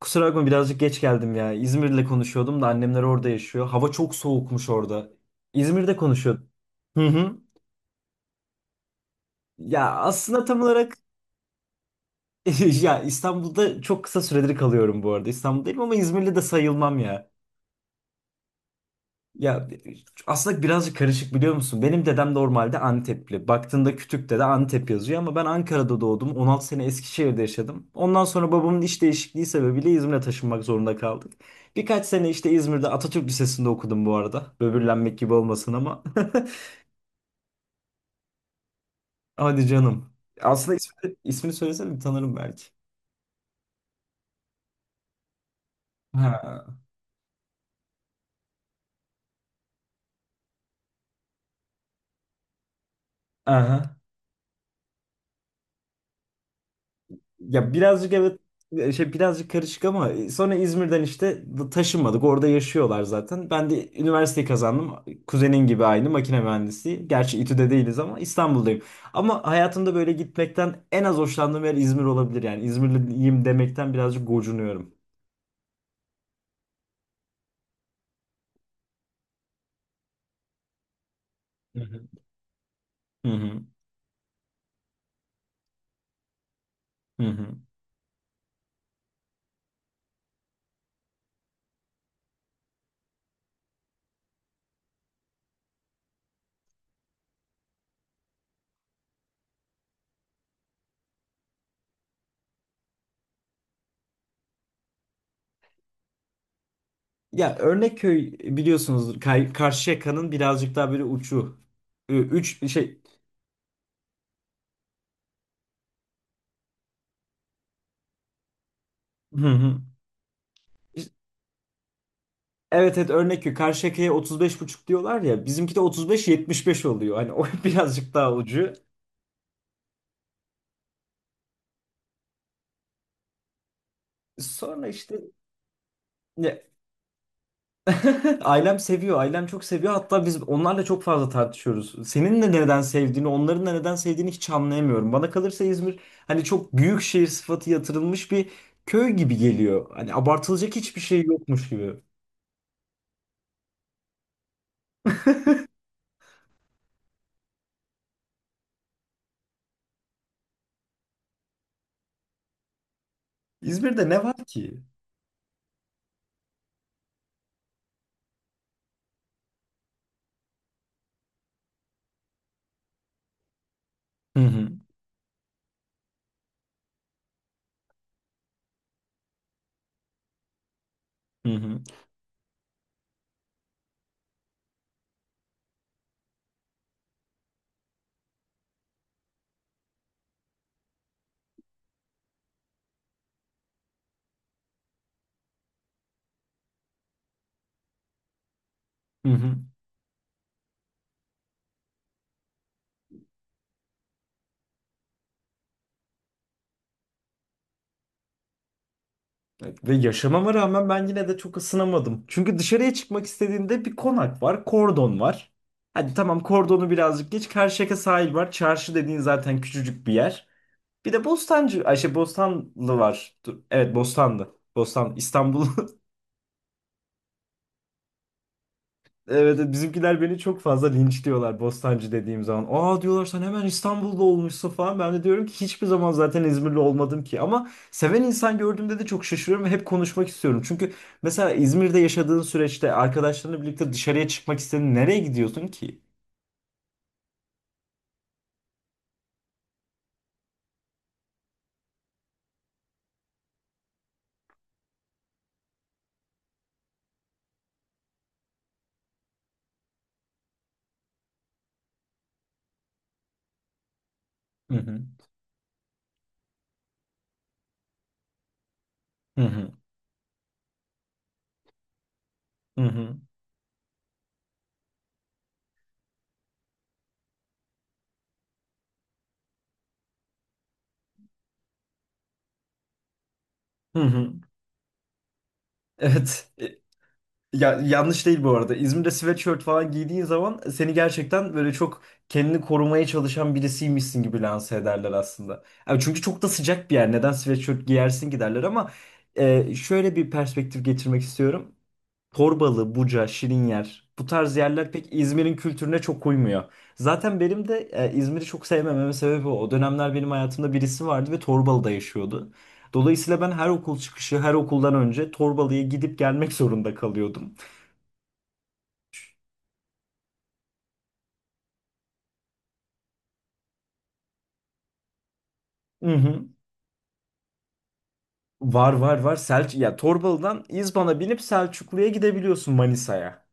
Kusura bakma birazcık geç geldim ya. İzmir'le konuşuyordum da annemler orada yaşıyor. Hava çok soğukmuş orada. İzmir'de konuşuyordum. Hı hı. Ya aslında tam olarak. Ya İstanbul'da çok kısa süredir kalıyorum bu arada. İstanbul'dayım ama İzmirli de sayılmam ya. Ya aslında birazcık karışık biliyor musun? Benim dedem normalde Antepli. Baktığında kütükte de Antep yazıyor ama ben Ankara'da doğdum. 16 sene Eskişehir'de yaşadım. Ondan sonra babamın iş değişikliği sebebiyle İzmir'e taşınmak zorunda kaldık. Birkaç sene işte İzmir'de Atatürk Lisesi'nde okudum bu arada. Böbürlenmek gibi olmasın ama. Hadi canım. Aslında ismi söylesene tanırım belki. Ha. Aha. Ya birazcık evet, şey birazcık karışık ama, sonra İzmir'den işte taşınmadık. Orada yaşıyorlar zaten. Ben de üniversiteyi kazandım. Kuzenin gibi aynı makine mühendisliği. Gerçi İTÜ'de değiliz ama İstanbul'dayım. Ama hayatımda böyle gitmekten en az hoşlandığım yer İzmir olabilir. Yani İzmirliyim demekten birazcık gocunuyorum. Hı hı. Hı hı. Hı hı. Ya Örnekköy biliyorsunuz, Karşıyaka'nın birazcık daha böyle uçu. Üç şey. Hı hı. Evet, evet, örnek ki Karşıyaka'ya otuz beş buçuk diyorlar ya, bizimki de 35-75 oluyor. Hani o birazcık daha ucu. Sonra işte ne? Ailem seviyor. Ailem çok seviyor. Hatta biz onlarla çok fazla tartışıyoruz. Senin de neden sevdiğini, onların da neden sevdiğini hiç anlayamıyorum. Bana kalırsa İzmir hani çok büyük şehir sıfatı yatırılmış bir köy gibi geliyor. Hani abartılacak hiçbir şey yokmuş gibi. İzmir'de ne var ki? Hı hı. Hı hı. Hı hı. Evet. Ve yaşamama rağmen ben yine de çok ısınamadım. Çünkü dışarıya çıkmak istediğinde bir konak var, kordon var. Hadi tamam, kordonu birazcık geç. Karşıyaka sahil var. Çarşı dediğin zaten küçücük bir yer. Bir de Bostancı, Ayşe Bostanlı var. Dur, evet, Bostanlı. Bostan, İstanbul. Evet, evet, bizimkiler beni çok fazla linçliyorlar Bostancı dediğim zaman. Aa, diyorlar sen hemen İstanbul'da olmuşsun falan. Ben de diyorum ki hiçbir zaman zaten İzmirli olmadım ki. Ama seven insan gördüğümde de çok şaşırıyorum ve hep konuşmak istiyorum. Çünkü mesela İzmir'de yaşadığın süreçte arkadaşlarınla birlikte dışarıya çıkmak istediğin nereye gidiyorsun ki? Hı hı. Hı hı. Hı hı. Hı hı. Evet. Ya yanlış değil bu arada. İzmir'de sweatshirt falan giydiğin zaman seni gerçekten böyle çok kendini korumaya çalışan birisiymişsin gibi lanse ederler aslında. Yani çünkü çok da sıcak bir yer. Neden sweatshirt giyersin ki derler ama, şöyle bir perspektif getirmek istiyorum. Torbalı, Buca, Şirinyer bu tarz yerler pek İzmir'in kültürüne çok uymuyor. Zaten benim de İzmir'i çok sevmememin sebebi o. O dönemler benim hayatımda birisi vardı ve Torbalı'da yaşıyordu. Dolayısıyla ben her okul çıkışı, her okuldan önce Torbalı'ya gidip gelmek zorunda kalıyordum. Hı hı. Var, var, var. Ya Torbalı'dan İzban'a binip Selçuklu'ya gidebiliyorsun, Manisa'ya.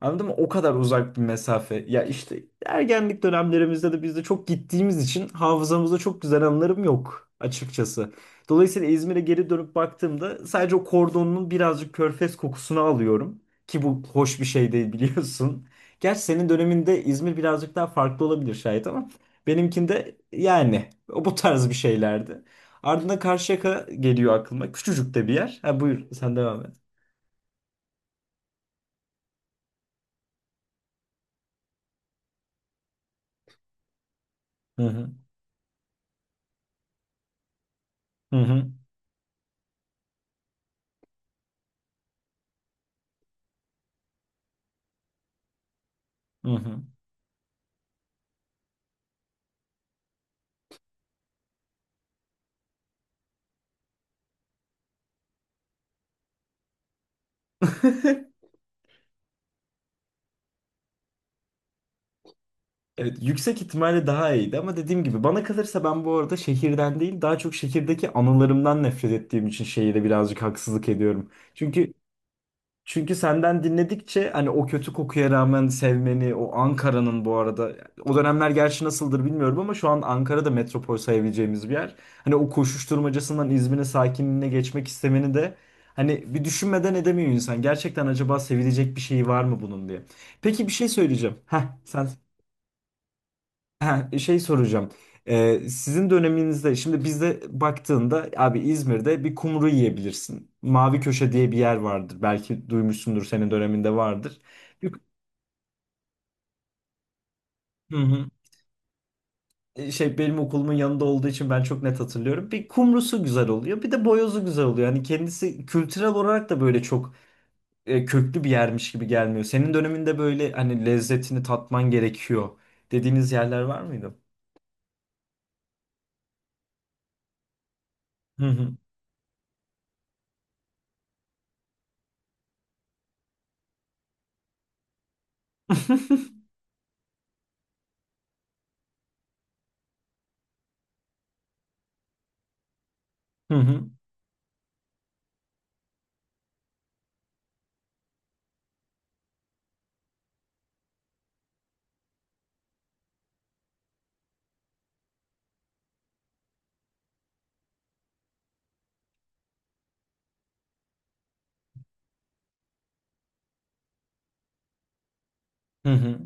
Anladın mı? O kadar uzak bir mesafe. Ya işte ergenlik dönemlerimizde de biz de çok gittiğimiz için hafızamızda çok güzel anılarım yok açıkçası. Dolayısıyla İzmir'e geri dönüp baktığımda sadece o kordonun birazcık körfez kokusunu alıyorum. Ki bu hoş bir şey değil biliyorsun. Gerçi senin döneminde İzmir birazcık daha farklı olabilir şayet ama benimkinde yani o bu tarz bir şeylerdi. Ardından Karşıyaka geliyor aklıma. Küçücük de bir yer. Ha, buyur sen devam et. Hı hı. Hı hı. Hı hı. Evet, yüksek ihtimalle daha iyiydi ama dediğim gibi bana kalırsa ben bu arada şehirden değil daha çok şehirdeki anılarımdan nefret ettiğim için şehire birazcık haksızlık ediyorum. Çünkü çünkü senden dinledikçe hani o kötü kokuya rağmen sevmeni, o Ankara'nın bu arada o dönemler gerçi nasıldır bilmiyorum ama şu an Ankara'da metropol sayabileceğimiz bir yer. Hani o koşuşturmacasından İzmir'in sakinliğine geçmek istemeni de hani bir düşünmeden edemiyor insan. Gerçekten acaba sevilecek bir şey var mı bunun diye. Peki bir şey söyleyeceğim. Heh, sen Ha, şey soracağım. Sizin döneminizde şimdi bizde baktığında abi İzmir'de bir kumru yiyebilirsin. Mavi Köşe diye bir yer vardır. Belki duymuşsundur, senin döneminde vardır. Bir, hı hı. Şey, benim okulumun yanında olduğu için ben çok net hatırlıyorum. Bir kumrusu güzel oluyor, bir de boyozu güzel oluyor. Yani kendisi kültürel olarak da böyle çok köklü bir yermiş gibi gelmiyor. Senin döneminde böyle hani lezzetini tatman gerekiyor dediğiniz yerler var mıydı? Hı hı. Hı hı. Hı hı.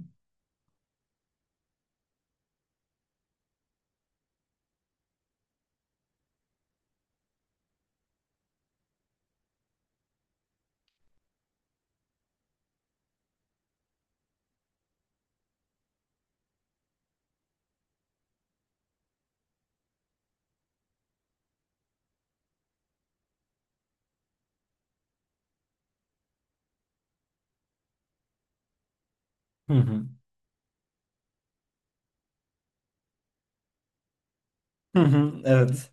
Hı hı. Hı hı, evet.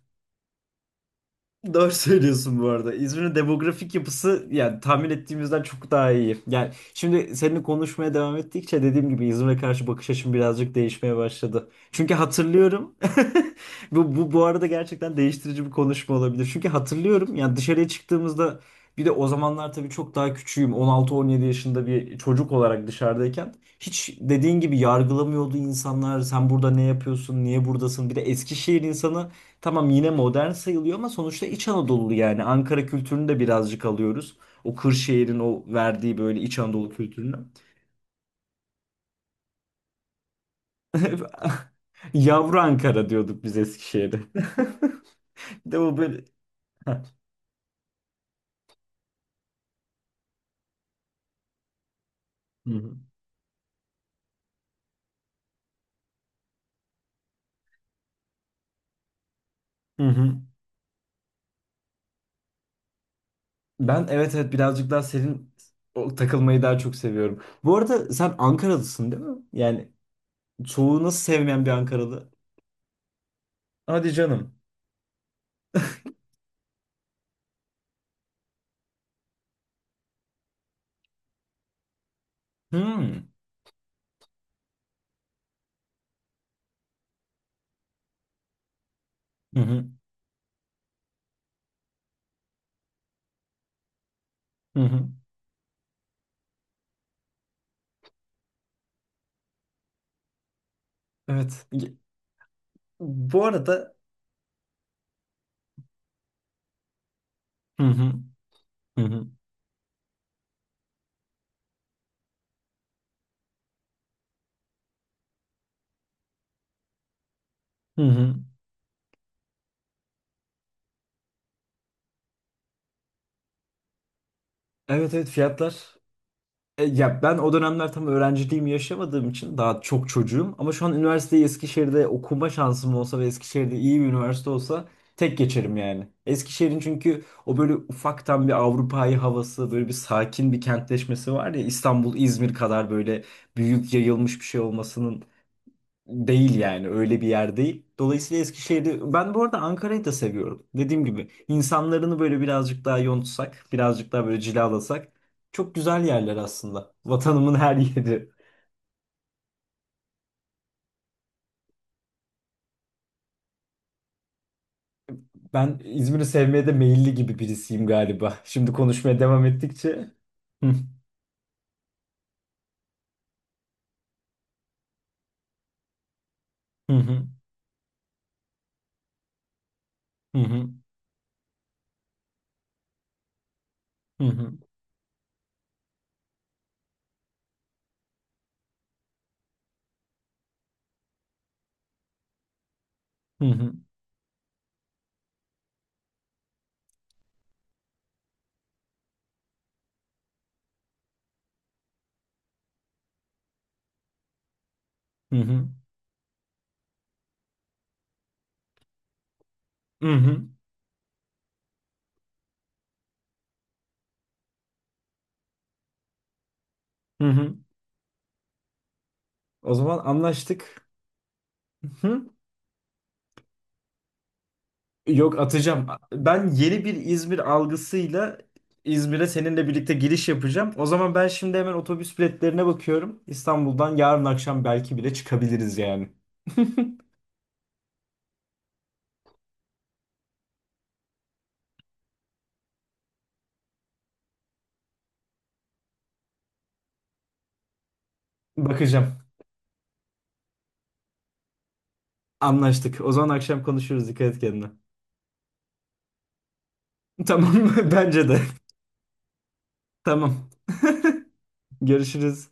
Doğru söylüyorsun bu arada. İzmir'in demografik yapısı yani tahmin ettiğimizden çok daha iyi. Yani şimdi seninle konuşmaya devam ettikçe dediğim gibi İzmir'e karşı bakış açım birazcık değişmeye başladı. Çünkü hatırlıyorum. Bu arada gerçekten değiştirici bir konuşma olabilir. Çünkü hatırlıyorum, yani dışarıya çıktığımızda bir de o zamanlar tabii çok daha küçüğüm. 16-17 yaşında bir çocuk olarak dışarıdayken hiç dediğin gibi yargılamıyordu insanlar. Sen burada ne yapıyorsun? Niye buradasın? Bir de Eskişehir insanı, tamam yine modern sayılıyor ama sonuçta İç Anadolu, yani Ankara kültürünü de birazcık alıyoruz. O Kırşehir'in o verdiği böyle İç Anadolu kültürünü. Yavru Ankara diyorduk biz Eskişehir'e. Bir de o böyle. Heh. Hı hı. Hı hı. Ben, evet, evet, birazcık daha senin o takılmayı daha çok seviyorum. Bu arada sen Ankaralısın değil mi? Yani soğuğu nasıl sevmeyen bir Ankaralı? Hadi canım. Hmm. Hı hı. Hı hı. Evet. Bu arada. Hı hı. Hı hı. Hı hı. Evet, evet, fiyatlar. Ya ben o dönemler tam öğrenciliğimi yaşamadığım için daha çok çocuğum. Ama şu an üniversiteyi Eskişehir'de okuma şansım olsa ve Eskişehir'de iyi bir üniversite olsa tek geçerim yani. Eskişehir'in çünkü o böyle ufaktan bir Avrupa'yı havası, böyle bir sakin bir kentleşmesi var ya, İstanbul, İzmir kadar böyle büyük yayılmış bir şey olmasının değil yani, öyle bir yer değil. Dolayısıyla Eskişehir'i, ben bu arada Ankara'yı da seviyorum. Dediğim gibi insanlarını böyle birazcık daha yontsak, birazcık daha böyle cilalasak çok güzel yerler aslında. Vatanımın her yeri. Ben İzmir'i sevmeye de meyilli gibi birisiyim galiba. Şimdi konuşmaya devam ettikçe. Hı hı hı hı hı hı hı hı hı hı hı hı. O zaman anlaştık. Hı. Yok, atacağım. Ben yeni bir İzmir algısıyla İzmir'e seninle birlikte giriş yapacağım. O zaman ben şimdi hemen otobüs biletlerine bakıyorum. İstanbul'dan yarın akşam belki bile çıkabiliriz yani. Bakacağım. Anlaştık. O zaman akşam konuşuruz. Dikkat et kendine. Tamam mı? Bence de. Tamam. Görüşürüz.